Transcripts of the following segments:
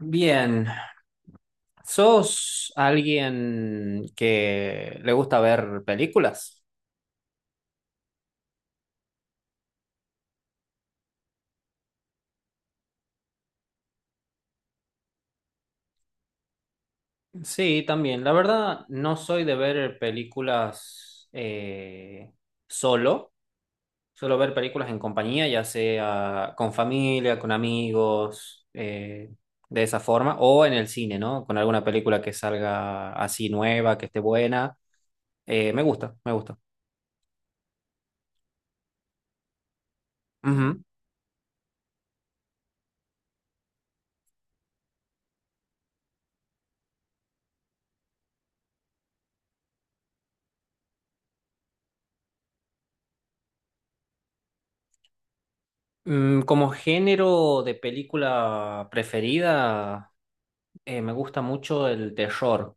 Bien, ¿sos alguien que le gusta ver películas? Sí, también. La verdad, no soy de ver películas solo. Suelo ver películas en compañía, ya sea con familia, con amigos, de esa forma, o en el cine, ¿no? Con alguna película que salga así nueva, que esté buena. Me gusta, me gusta. Ujú. Mm, como género de película preferida. Me gusta mucho el terror.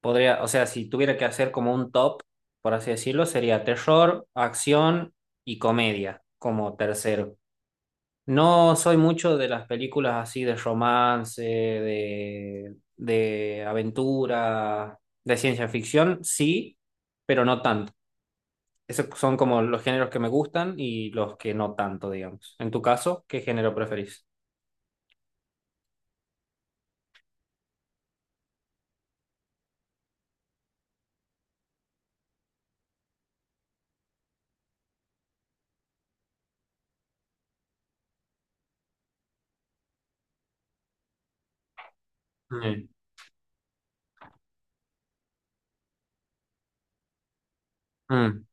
Podría, o sea, si tuviera que hacer como un top, por así decirlo, sería terror, acción y comedia como tercero. No soy mucho de las películas así de romance, de aventura, de ciencia ficción, sí, pero no tanto. Esos son como los géneros que me gustan y los que no tanto, digamos. En tu caso, ¿qué género preferís? Mm, mm,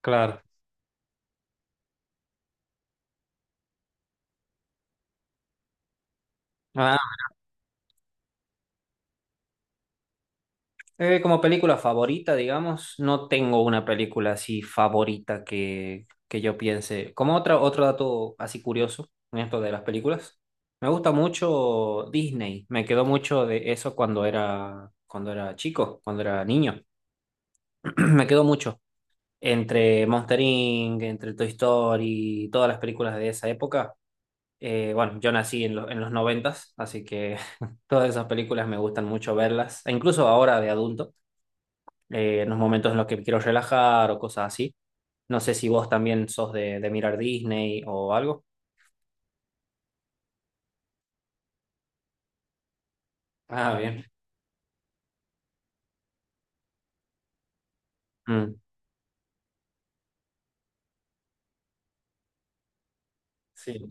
claro. Ah, como película favorita, digamos, no tengo una película así favorita que yo piense. Como otra, otro dato así curioso en esto de las películas, me gusta mucho Disney. Me quedó mucho de eso cuando era chico, cuando era niño. Me quedó mucho. Entre Monster Inc., entre Toy Story, todas las películas de esa época, bueno, yo nací en los 90, así que todas esas películas me gustan mucho verlas, e incluso ahora de adulto, en los momentos en los que me quiero relajar o cosas así. No sé si vos también sos de mirar Disney o algo. Ah, bien. Mm. Sí.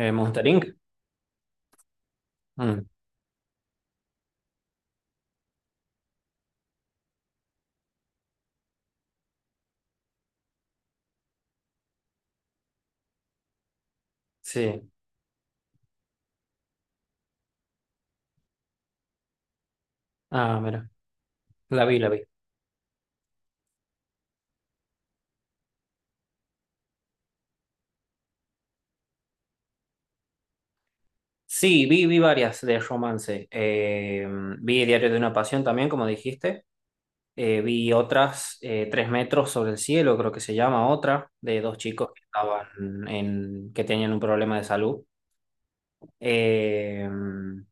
Monster Inc. Mm, sí. Ah, mira. La vi, la vi. Sí, vi varias de romance. Vi Diario de una Pasión también, como dijiste. Vi otras, Tres metros sobre el cielo, creo que se llama otra, de dos chicos que estaban que tenían un problema de salud. Eh, mm,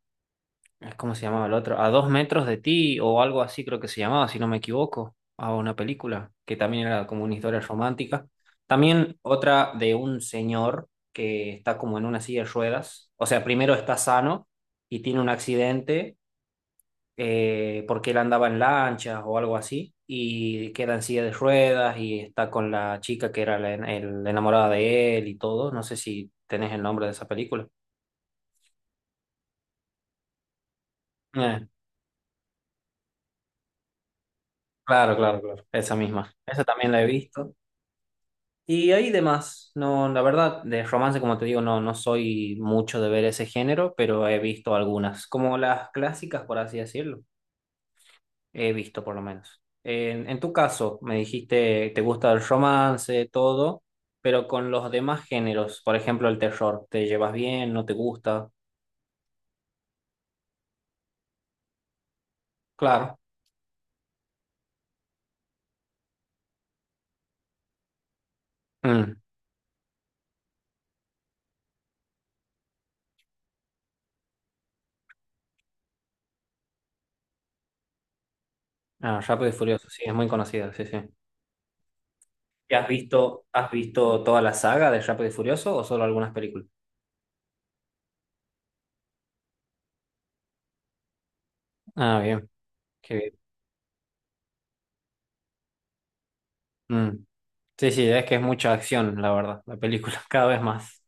¿Cómo se llamaba el otro? A dos metros de ti o algo así creo que se llamaba, si no me equivoco, a una película que también era como una historia romántica. También otra de un señor que está como en una silla de ruedas. O sea, primero está sano y tiene un accidente porque él andaba en lanchas o algo así, y queda en silla de ruedas y está con la chica que era la enamorada de él y todo. No sé si tenés el nombre de esa película. Eh, claro, claro, claro, esa misma. Esa también la he visto. Y ahí demás, no, la verdad, de romance, como te digo, no, no soy mucho de ver ese género, pero he visto algunas, como las clásicas, por así decirlo. He visto, por lo menos. En tu caso, me dijiste, te gusta el romance, todo, pero con los demás géneros, por ejemplo, el terror, ¿te llevas bien? ¿No te gusta? Claro. Mm. Ah, Rápido y Furioso, sí, es muy conocida, sí, sí. ¿Y has visto toda la saga de Rápido y Furioso o solo algunas películas? Ah, bien, qué bien. Mm. Sí, sí, es que es mucha acción, la verdad, la película, cada vez más.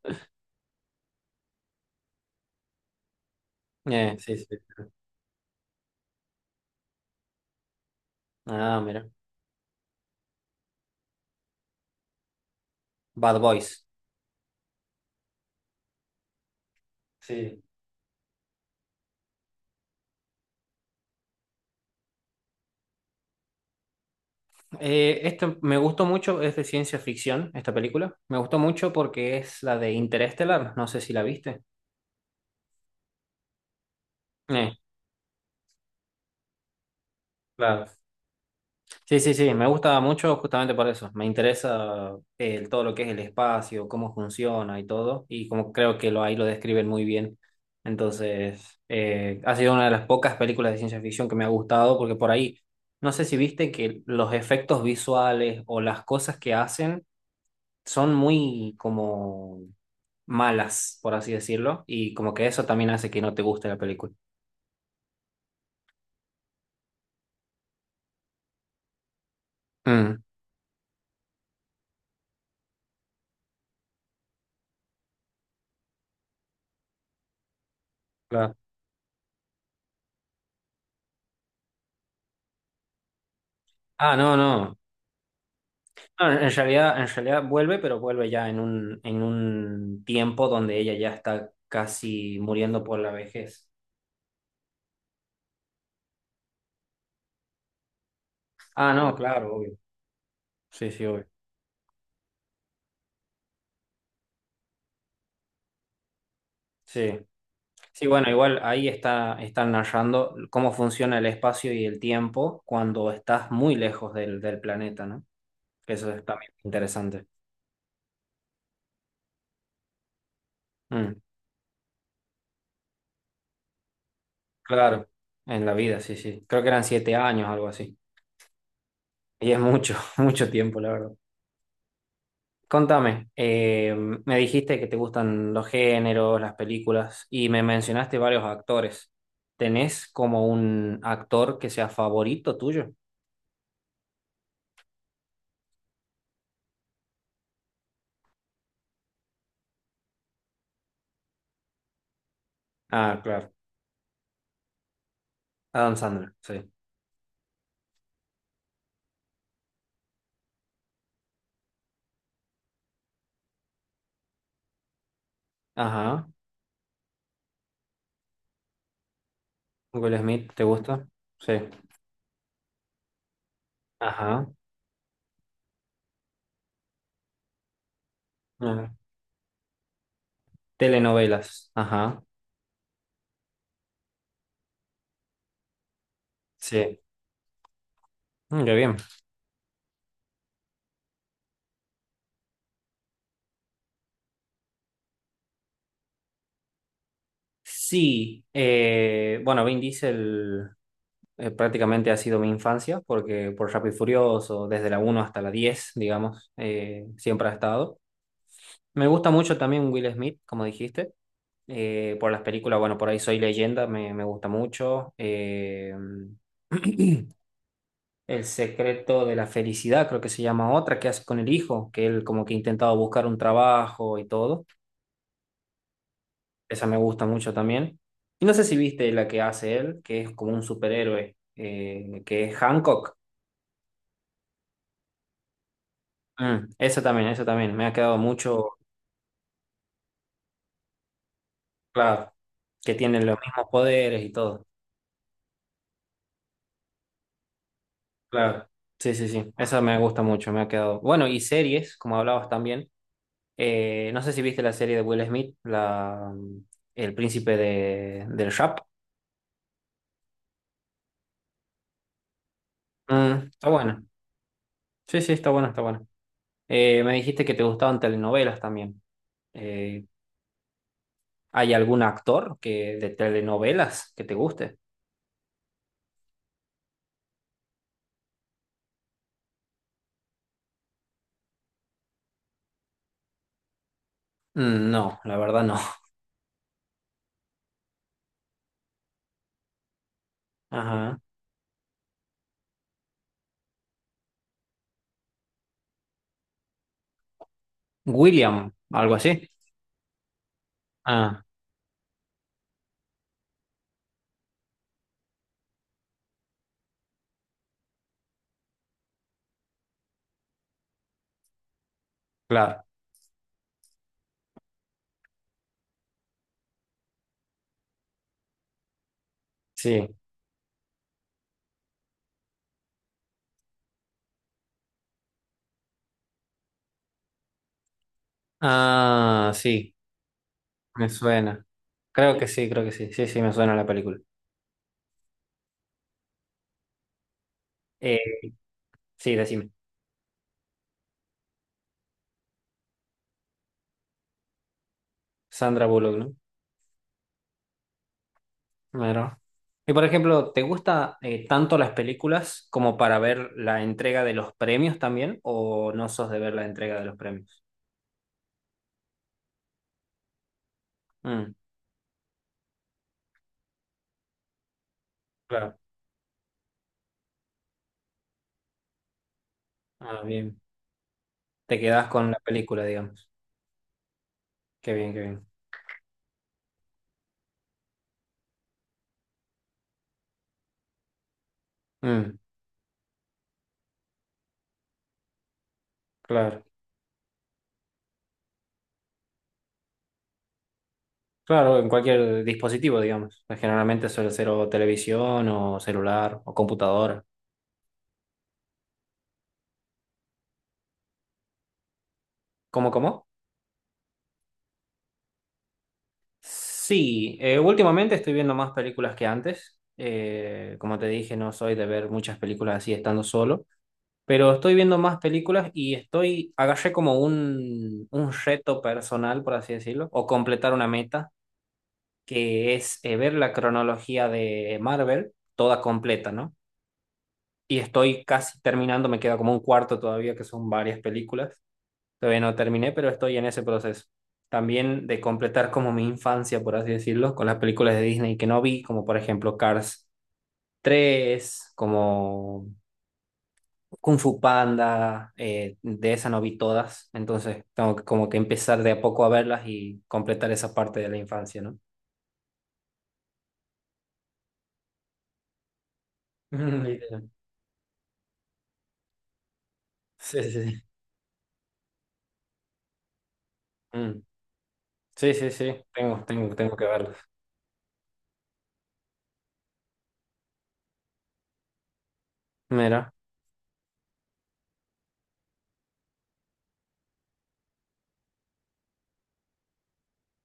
Sí, sí. Ah, mira. Bad Boys. Sí. Este me gustó mucho, es de ciencia ficción, esta película. Me gustó mucho porque es la de Interestelar, no sé si la viste. Eh, claro. Sí, sí, sí, me gusta mucho justamente por eso. Me interesa todo lo que es el espacio, cómo funciona y todo, y como creo que ahí lo describen muy bien. Entonces, ha sido una de las pocas películas de ciencia ficción que me ha gustado porque por ahí, no sé si viste que los efectos visuales o las cosas que hacen son muy como malas, por así decirlo, y como que eso también hace que no te guste la película. Mm, claro. Ah, no, no. No, en realidad vuelve, pero vuelve ya en un tiempo donde ella ya está casi muriendo por la vejez. Ah, no, claro, obvio. Sí, sí, obvio. Sí. Sí, bueno, igual ahí está, están narrando cómo funciona el espacio y el tiempo cuando estás muy lejos del planeta, ¿no? Que eso es también interesante. Mm, claro, en la vida, sí, sí. Creo que eran 7 años, algo así. Y es mucho, mucho tiempo, la verdad. Contame, me dijiste que te gustan los géneros, las películas, y me mencionaste varios actores. ¿Tenés como un actor que sea favorito tuyo? Ah, claro. Adam Sandler, sí. Ajá. Will Smith, ¿te gusta? Sí. Ajá. Ah, telenovelas. Ajá. Sí. Mm, qué bien. Sí. Bueno, Vin Diesel. Prácticamente ha sido mi infancia, porque por Rápido y Furioso, desde la uno hasta la 10 digamos, siempre ha estado. Me gusta mucho también Will Smith, como dijiste, por las películas, bueno, por ahí Soy Leyenda, me gusta mucho. El secreto de la felicidad, creo que se llama otra, que hace con el hijo, que él como que intentaba buscar un trabajo y todo. Esa me gusta mucho también. Y no sé si viste la que hace él, que es como un superhéroe, que es Hancock. Mm, eso también, eso también. Me ha quedado mucho. Claro. Que tienen los mismos poderes y todo. Claro. Sí, sí, sí. Eso me gusta mucho, me ha quedado. Bueno, y series, como hablabas también. No sé si viste la serie de Will Smith, la, El príncipe del rap. Mm, está bueno. Sí, sí, está bueno, está bueno. Me dijiste que te gustaban telenovelas también. Eh, ¿Hay algún actor de telenovelas que te guste? Mm, no, la verdad no. Ajá. William, algo así. Claro, sí. Ah, sí, me suena. Creo que sí, creo que sí. Sí, sí, me suena la película. Eh, sí, decime. Sandra Bullock, ¿no? Claro. Y por ejemplo, ¿te gusta tanto las películas como para ver la entrega de los premios también? ¿O no sos de ver la entrega de los premios? Mm, claro. Ah, bien. Te quedás con la película, digamos. Qué bien, qué bien. Mm, claro. Claro, en cualquier dispositivo, digamos. Generalmente suele ser o televisión o celular o computadora. ¿Cómo, cómo? Sí, últimamente estoy viendo más películas que antes. Como te dije, no soy de ver muchas películas así estando solo, pero estoy viendo más películas y estoy, agarré como un reto personal, por así decirlo, o completar una meta, que es ver la cronología de Marvel toda completa, ¿no? Y estoy casi terminando, me queda como un cuarto todavía, que son varias películas. Todavía no terminé, pero estoy en ese proceso. También de completar como mi infancia, por así decirlo, con las películas de Disney que no vi, como por ejemplo Cars 3, como Kung Fu Panda, de esa no vi todas, entonces tengo que como que empezar de a poco a verlas y completar esa parte de la infancia, ¿no? Mm, literal. Sí, sí, sí. Mm. Sí, sí, sí, tengo que verlas. Mira,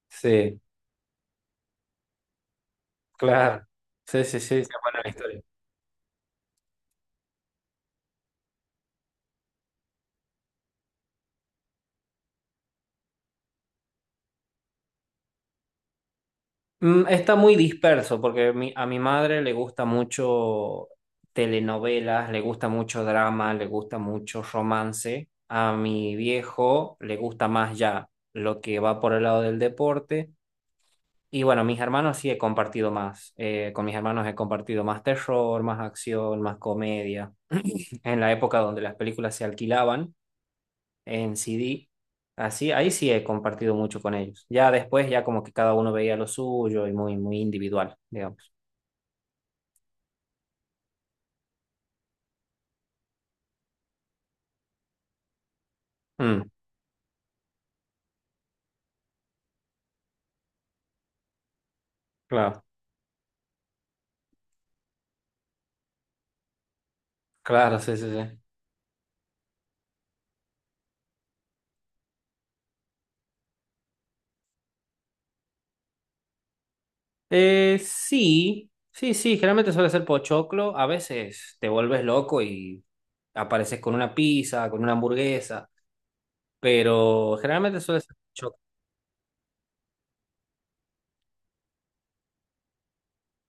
sí, claro. Sí, sí, sí, está buena la historia. Mm, está muy disperso porque a mi madre le gusta mucho telenovelas, le gusta mucho drama, le gusta mucho romance. A mi viejo le gusta más ya lo que va por el lado del deporte. Y bueno, mis hermanos sí he compartido más. Con mis hermanos he compartido más terror, más acción, más comedia. En la época donde las películas se alquilaban en CD, así, ahí sí he compartido mucho con ellos. Ya después, ya como que cada uno veía lo suyo y muy, muy individual, digamos. Mm, claro, claro, sí, sí, sí. Sí, sí, sí, generalmente suele ser pochoclo. A veces te vuelves loco y apareces con una pizza, con una hamburguesa, pero generalmente suele ser pochoclo.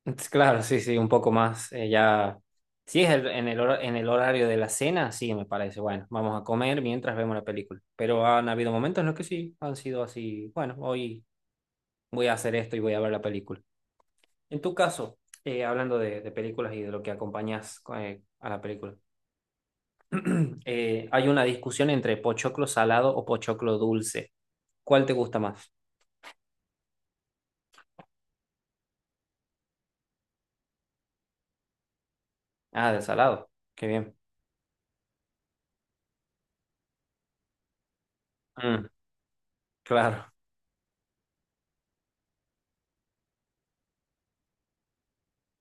Entonces, claro, sí, sí, un poco más. Ya, si es en el horario de la cena, sí, me parece. Bueno, vamos a comer mientras vemos la película. Pero han habido momentos en los que sí, han sido así, bueno, hoy voy a hacer esto y voy a ver la película. En tu caso, hablando de películas y de lo que acompañas a la película, hay una discusión entre pochoclo salado o pochoclo dulce. ¿Cuál te gusta más? Ah, del salado. Qué bien. Mm, claro.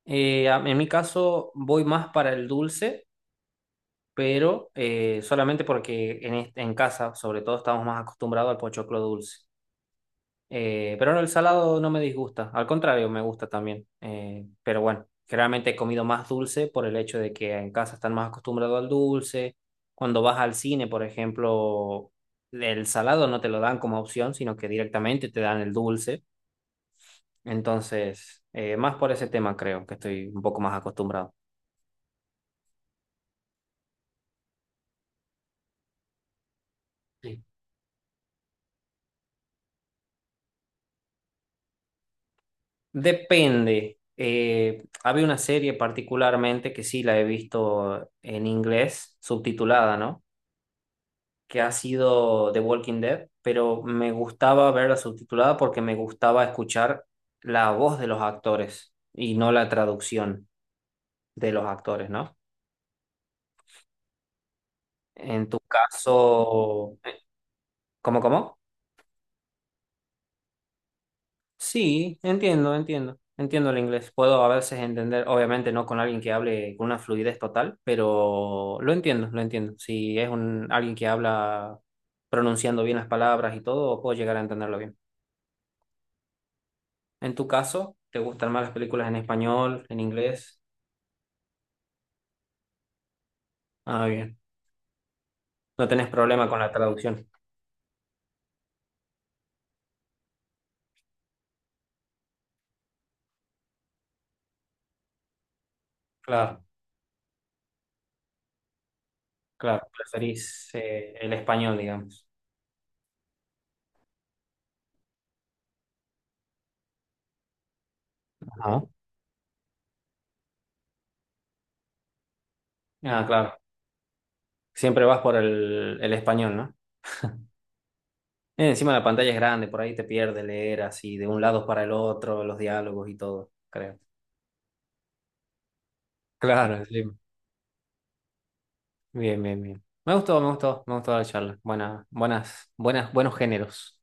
En mi caso, voy más para el dulce, pero solamente porque en casa, sobre todo, estamos más acostumbrados al pochoclo dulce. Pero no, el salado no me disgusta, al contrario, me gusta también. Pero bueno, generalmente he comido más dulce por el hecho de que en casa están más acostumbrados al dulce. Cuando vas al cine, por ejemplo, el salado no te lo dan como opción, sino que directamente te dan el dulce. Entonces, más por ese tema creo que estoy un poco más acostumbrado. Sí. Depende. Había una serie particularmente que sí la he visto en inglés, subtitulada, ¿no? que ha sido The Walking Dead, pero me gustaba verla subtitulada porque me gustaba escuchar la voz de los actores y no la traducción de los actores, ¿no? En tu caso, ¿cómo, cómo? Sí, entiendo, entiendo. Entiendo el inglés. Puedo a veces entender, obviamente no con alguien que hable con una fluidez total, pero lo entiendo, lo entiendo. Si es alguien que habla pronunciando bien las palabras y todo, puedo llegar a entenderlo bien. En tu caso, ¿te gustan más las películas en español, en inglés? Ah, bien. No tenés problema con la traducción. Claro, claro. Preferís el español, digamos. Ajá. Ah, claro. Siempre vas por el español, ¿no? Encima la pantalla es grande, por ahí te pierdes leer así de un lado para el otro, los diálogos y todo, creo. Claro, sí. Bien, bien, bien. Me gustó, me gustó, me gustó la charla. Buena, buenas, buenas, buenos géneros.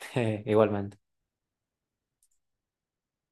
Igualmente.